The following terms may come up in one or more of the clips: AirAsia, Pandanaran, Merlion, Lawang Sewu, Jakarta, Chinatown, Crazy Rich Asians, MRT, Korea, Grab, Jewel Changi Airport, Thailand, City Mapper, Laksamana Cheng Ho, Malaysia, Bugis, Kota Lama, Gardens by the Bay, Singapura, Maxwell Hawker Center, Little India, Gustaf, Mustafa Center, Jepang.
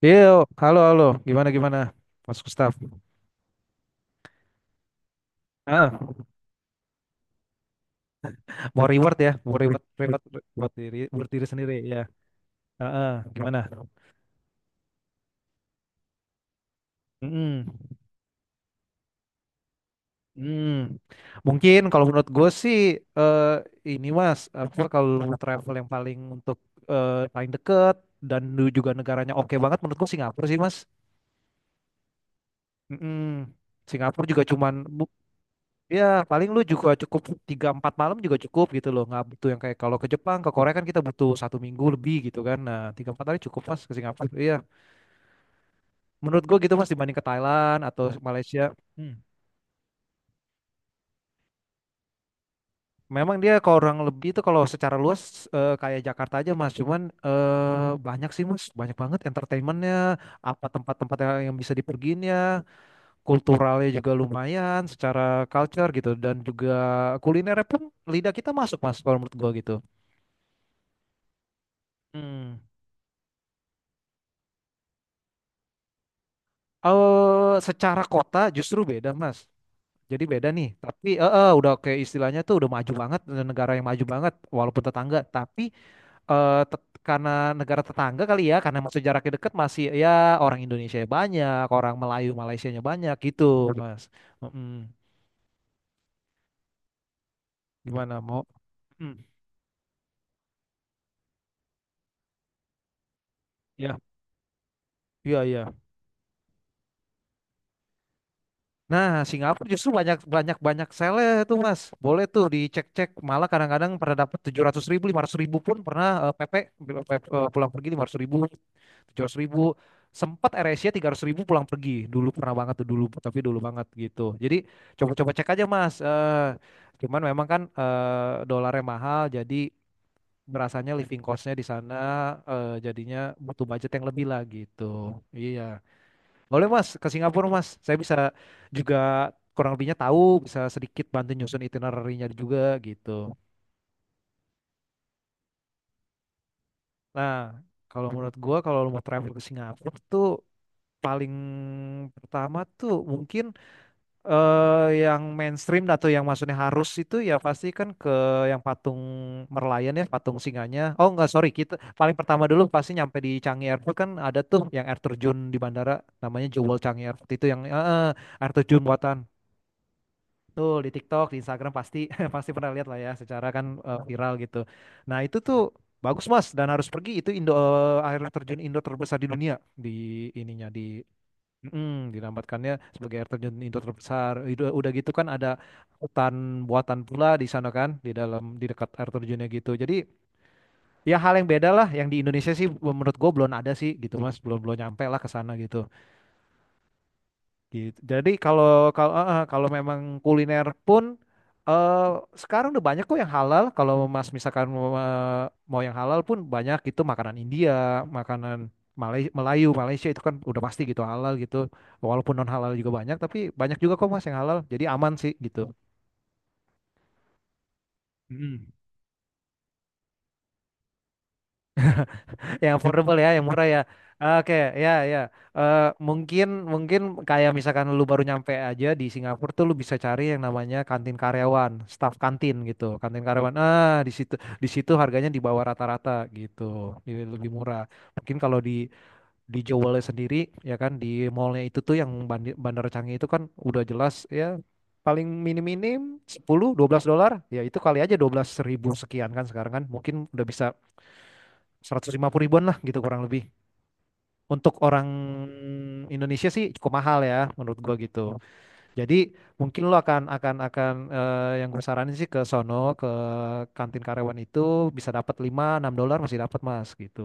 Yo, halo, halo. Gimana, gimana? Mas Gustaf. Ah, mau reward ya, mau reward, reward buat diri sendiri ya. Gimana? Mm-mm. Mm. Mungkin kalau menurut gue sih eh ini Mas, apa kalau lu travel yang paling untuk paling deket dan lu juga negaranya oke banget menurut gue Singapura sih Mas. Mm-mm. Singapura juga cuman ya paling lu juga cukup tiga empat malam juga cukup gitu loh, nggak butuh yang kayak kalau ke Jepang ke Korea kan kita butuh satu minggu lebih gitu kan. Nah, tiga empat hari cukup mas ke Singapura, iya menurut gua gitu mas, dibanding ke Thailand atau Malaysia. Hmm. Memang dia kurang lebih itu kalau secara luas kayak Jakarta aja mas. Cuman banyak sih mas, banyak banget entertainmentnya, apa tempat-tempat yang bisa dipergiin ya. Kulturalnya juga lumayan secara culture gitu, dan juga kulinernya pun lidah kita masuk mas kalau menurut gua gitu. Hmm. Secara kota justru beda Mas. Jadi beda nih. Tapi udah kayak istilahnya tuh udah maju banget, negara yang maju banget walaupun tetangga. Tapi karena negara tetangga kali ya, karena masih jaraknya deket masih ya, orang Indonesia banyak, orang Melayu Malaysianya banyak gitu Mas. Mm-mm. Gimana mau? Mm. Ya, iya iya. Nah, Singapura justru banyak banyak banyak sale tuh Mas. Boleh tuh dicek-cek. Malah kadang-kadang pernah dapat tujuh ratus ribu, lima ratus ribu pun pernah. PP pulang pergi lima ratus ribu, tujuh ratus ribu. Sempat AirAsia tiga ratus ribu pulang pergi dulu, pernah banget tuh dulu, tapi dulu banget gitu. Jadi coba-coba cek aja mas. Cuman memang kan dolarnya mahal, jadi berasanya living costnya di sana jadinya butuh budget yang lebih lah gitu. Iya, boleh mas ke Singapura mas, saya bisa juga kurang lebihnya tahu, bisa sedikit bantu nyusun itinerary-nya juga gitu. Nah, kalau menurut gua kalau lu mau travel ke Singapura tuh paling pertama tuh mungkin yang mainstream atau yang maksudnya harus itu ya, pasti kan ke yang patung Merlion ya, patung singanya. Oh enggak, sorry, kita paling pertama dulu pasti nyampe di Changi Airport. Kan ada tuh yang air terjun di bandara, namanya Jewel Changi Airport. Itu yang air terjun buatan tuh di TikTok di Instagram pasti pasti pernah lihat lah ya, secara kan viral gitu. Nah itu tuh bagus mas, dan harus pergi itu. Indo air terjun Indo terbesar di dunia, di ininya di dinamatkannya sebagai air terjun Indo terbesar. Itu udah gitu kan ada hutan buatan pula di sana kan, di dalam di dekat air terjunnya gitu. Jadi ya hal yang beda lah, yang di Indonesia sih menurut gue belum ada sih gitu Mas, belum belum nyampe lah ke sana gitu. Gitu. Jadi kalau kalau kalau memang kuliner pun eh sekarang udah banyak kok yang halal. Kalau Mas misalkan mau mau yang halal pun banyak, itu makanan India, makanan Melayu, Malaysia itu kan udah pasti gitu halal gitu. Walaupun non halal juga banyak, tapi banyak juga kok Mas yang halal. Jadi aman sih gitu. Mm. Yang affordable ya, yang murah ya. Oke, ya ya. Mungkin mungkin kayak misalkan lu baru nyampe aja di Singapura tuh, lu bisa cari yang namanya kantin karyawan, staff kantin gitu. Kantin karyawan. Ah, di situ, di situ harganya di bawah rata-rata gitu. Lebih murah. Mungkin kalau di Jewelnya sendiri ya kan, di mallnya itu tuh yang Bandara Canggih itu kan udah jelas ya, paling minim-minim sepuluh, dua belas dolar. Ya itu kali aja dua belas ribu sekian kan sekarang kan, mungkin udah bisa 150 ribuan lah gitu kurang lebih, untuk orang Indonesia sih cukup mahal ya menurut gua gitu. Jadi mungkin lo akan akan yang gue saranin sih ke sono, ke kantin karyawan itu bisa dapat 5 6 dolar, masih dapat Mas gitu.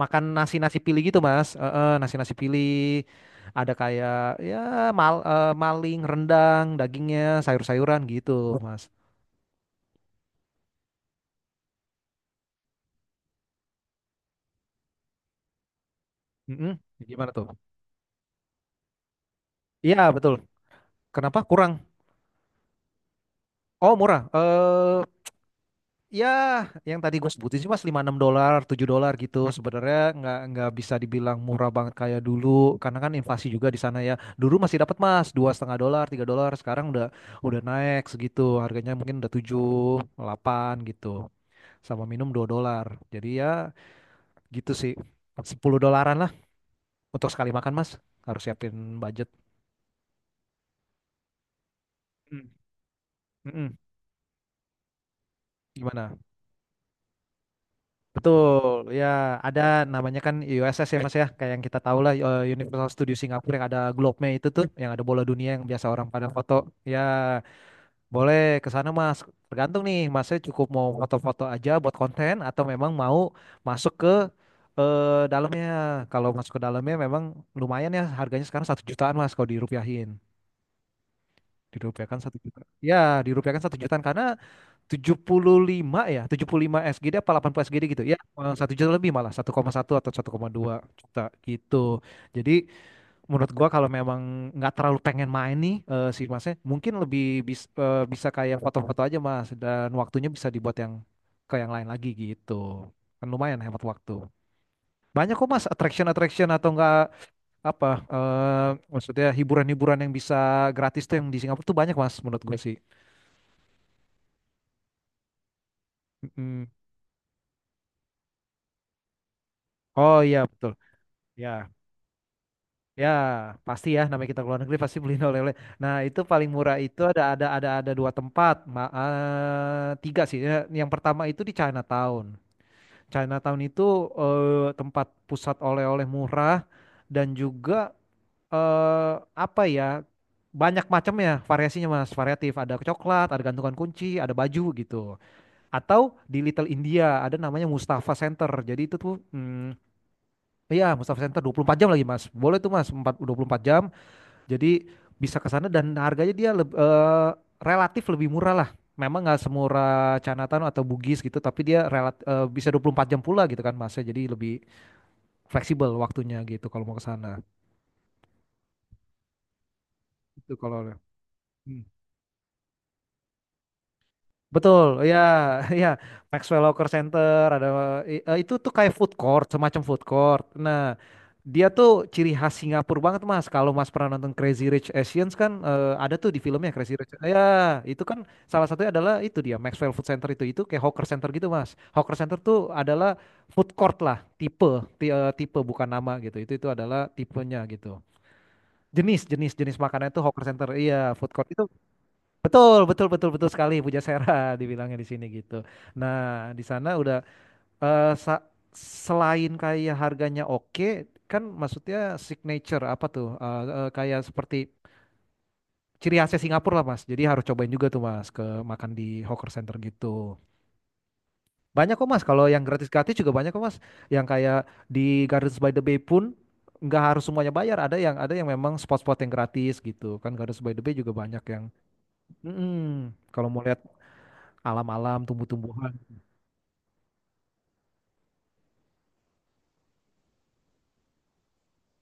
Makan nasi-nasi pilih gitu Mas. Nasi-nasi pilih ada kayak ya mal, maling, rendang, dagingnya, sayur-sayuran gitu Mas. Mm-mm. Gimana tuh? Iya betul. Kenapa kurang? Oh murah. Ya, yang tadi gue sebutin sih mas lima enam dolar, 7 dolar gitu. Sebenarnya nggak bisa dibilang murah banget kayak dulu, karena kan inflasi juga di sana ya. Dulu masih dapat mas dua setengah dolar, 3 dolar. Sekarang udah naik segitu. Harganya mungkin udah 7 8 gitu. Sama minum 2 dolar. Jadi ya gitu sih, 10 dolaran lah untuk sekali makan mas. Harus siapin budget. Mm. Mm-mm. Gimana? Betul, ya, ada namanya kan USS ya mas ya, kayak yang kita tahu lah. Universal Studio Singapura, yang ada globe-nya itu tuh, yang ada bola dunia yang biasa orang pada foto. Ya boleh ke sana mas, tergantung nih masnya cukup mau foto-foto aja buat konten atau memang mau masuk ke eh, dalamnya. Kalau masuk ke dalamnya memang lumayan ya, harganya sekarang satu jutaan mas kalau dirupiahin. Dirupiahkan satu juta. Ya dirupiahkan satu jutaan karena tujuh puluh lima ya, 75 SGD apa 80 SGD gitu. Ya, satu juta lebih malah, satu koma satu atau satu koma dua juta gitu. Jadi menurut gua kalau memang nggak terlalu pengen main nih si Masnya, mungkin lebih bisa kayak foto-foto aja Mas, dan waktunya bisa dibuat yang ke yang lain lagi gitu. Kan lumayan hemat waktu. Banyak kok Mas attraction-attraction atau enggak apa maksudnya hiburan-hiburan yang bisa gratis tuh yang di Singapura tuh banyak Mas menurut gue sih. Mm-mm. Oh iya betul. Ya. Ya, pasti ya namanya kita ke luar negeri pasti beliin oleh-oleh. Nah, itu paling murah itu ada ada dua tempat. Tiga sih. Ya, yang pertama itu di Chinatown. Chinatown itu tempat pusat oleh-oleh murah, dan juga eh, apa ya? Banyak macam ya variasinya Mas, variatif. Ada coklat, ada gantungan kunci, ada baju gitu. Atau di Little India ada namanya Mustafa Center. Jadi itu tuh hmm, iya, Mustafa Center 24 jam lagi, Mas. Boleh tuh, Mas, 4, 24 jam. Jadi bisa ke sana dan harganya dia relatif lebih murah lah. Memang nggak semurah Chinatown atau Bugis gitu, tapi dia bisa 24 jam pula gitu kan masnya. Jadi lebih fleksibel waktunya gitu kalau mau ke sana. Itu kalau hmm. Betul, ya, ya. Maxwell Hawker Center ada itu tuh kayak food court, semacam food court. Nah, dia tuh ciri khas Singapura banget, Mas. Kalau Mas pernah nonton Crazy Rich Asians kan ada tuh di filmnya Crazy Rich. Ya, itu kan salah satunya adalah itu dia. Maxwell Food Center itu kayak hawker center gitu, Mas. Hawker center tuh adalah food court lah, tipe tipe bukan nama gitu. Itu adalah tipenya gitu. Jenis jenis jenis makanan itu hawker center. Iya, food court itu. Betul, betul, betul, betul sekali. Pujasera dibilangnya di sini gitu. Nah, di sana udah eh, sa- selain kayak harganya oke, kan maksudnya signature apa tuh? Kayak seperti ciri khasnya Singapura lah Mas. Jadi harus cobain juga tuh Mas ke makan di hawker center gitu. Banyak kok Mas, kalau yang gratis-gratis juga banyak kok Mas. Yang kayak di Gardens by the Bay pun nggak harus semuanya bayar. Ada yang memang spot-spot yang gratis gitu. Kan Gardens by the Bay juga banyak yang mm-mm. Kalau mau lihat alam-alam, tumbuh-tumbuhan.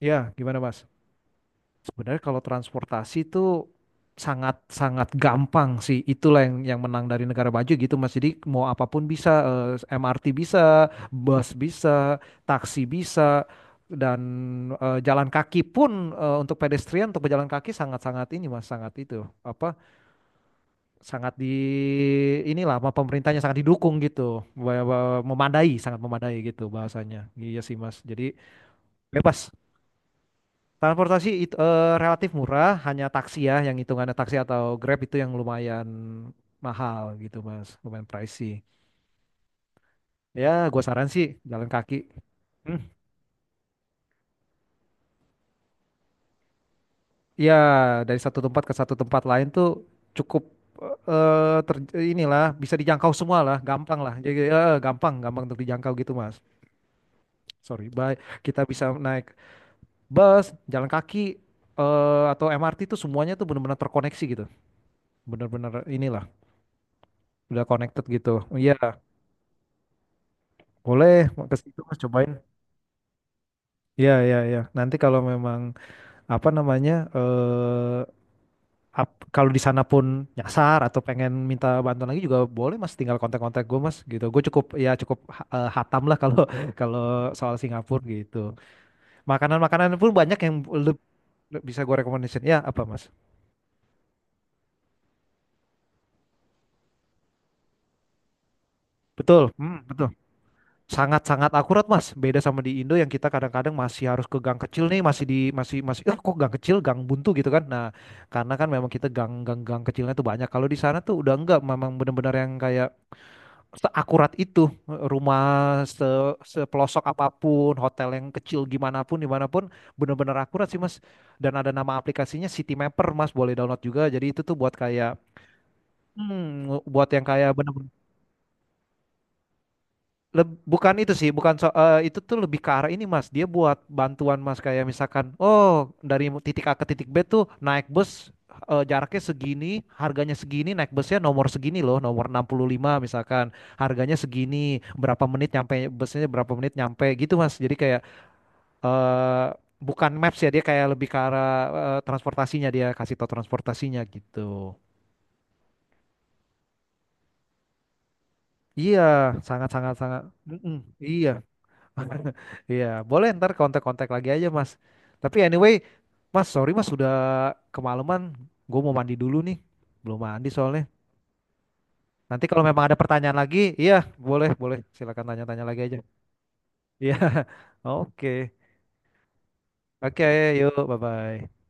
Ya, gimana Mas? Sebenarnya kalau transportasi itu sangat-sangat gampang sih. Itulah yang menang dari negara maju gitu Mas. Jadi mau apapun bisa, eh, MRT bisa, bus bisa, taksi bisa, dan jalan kaki pun untuk pedestrian, untuk pejalan kaki sangat-sangat ini Mas, sangat itu apa? Sangat di inilah apa, pemerintahnya sangat didukung gitu. Memadai, sangat memadai gitu bahasanya. Iya sih Mas. Jadi bebas. Transportasi itu relatif murah, hanya taksi ya, yang hitungannya taksi atau Grab itu yang lumayan mahal gitu mas, lumayan pricey. Ya, gua saran sih jalan kaki. Hmm. Ya, dari satu tempat ke satu tempat lain tuh cukup inilah bisa dijangkau semua lah, gampang lah. Jadi gampang, gampang untuk dijangkau gitu mas. Sorry, baik kita bisa naik bus, jalan kaki atau MRT tuh semuanya tuh benar-benar terkoneksi gitu, benar-benar inilah udah connected gitu. Iya. Boleh, mau ke situ Mas cobain. Iya, iya, iya. Nanti kalau memang apa namanya eh kalau di sana pun nyasar atau pengen minta bantuan lagi juga boleh Mas, tinggal kontak-kontak gue Mas gitu. Gue cukup, ya cukup hatam lah kalau kalau soal Singapura gitu. Makanan-makanan pun banyak yang le- bisa gue rekomendasiin. Ya, apa Mas? Betul. Hmm, betul. Sangat-sangat akurat mas, beda sama di Indo yang kita kadang-kadang masih harus ke gang kecil nih, masih di masih masih eh kok gang kecil, gang buntu gitu kan. Nah, karena kan memang kita gang gang gang kecilnya tuh banyak. Kalau di sana tuh udah enggak, memang benar-benar yang kayak seakurat itu. Rumah se sepelosok apapun, hotel yang kecil gimana pun dimanapun benar-benar akurat sih mas. Dan ada nama aplikasinya City Mapper mas, boleh download juga. Jadi itu tuh buat kayak hmm, buat yang kayak bener. Leb- bukan itu sih, bukan so- eh, itu tuh lebih ke arah ini Mas. Dia buat bantuan Mas, kayak misalkan, oh dari titik A ke titik B tuh naik bus jaraknya segini, harganya segini, naik busnya nomor segini loh, nomor 65 misalkan. Harganya segini, berapa menit nyampe busnya, berapa menit nyampe gitu Mas. Jadi kayak eh bukan maps ya, dia kayak lebih ke arah transportasinya, dia kasih tau transportasinya gitu. Iya, sangat sangat sangat. Mm-mm, iya. Iya, boleh ntar kontak-kontak lagi aja, Mas. Tapi anyway, Mas, sorry Mas, sudah kemalaman. Gue mau mandi dulu nih. Belum mandi soalnya. Nanti kalau memang ada pertanyaan lagi, iya, boleh, boleh. Silakan tanya-tanya lagi aja. Iya, oke. Oke, yuk, bye-bye.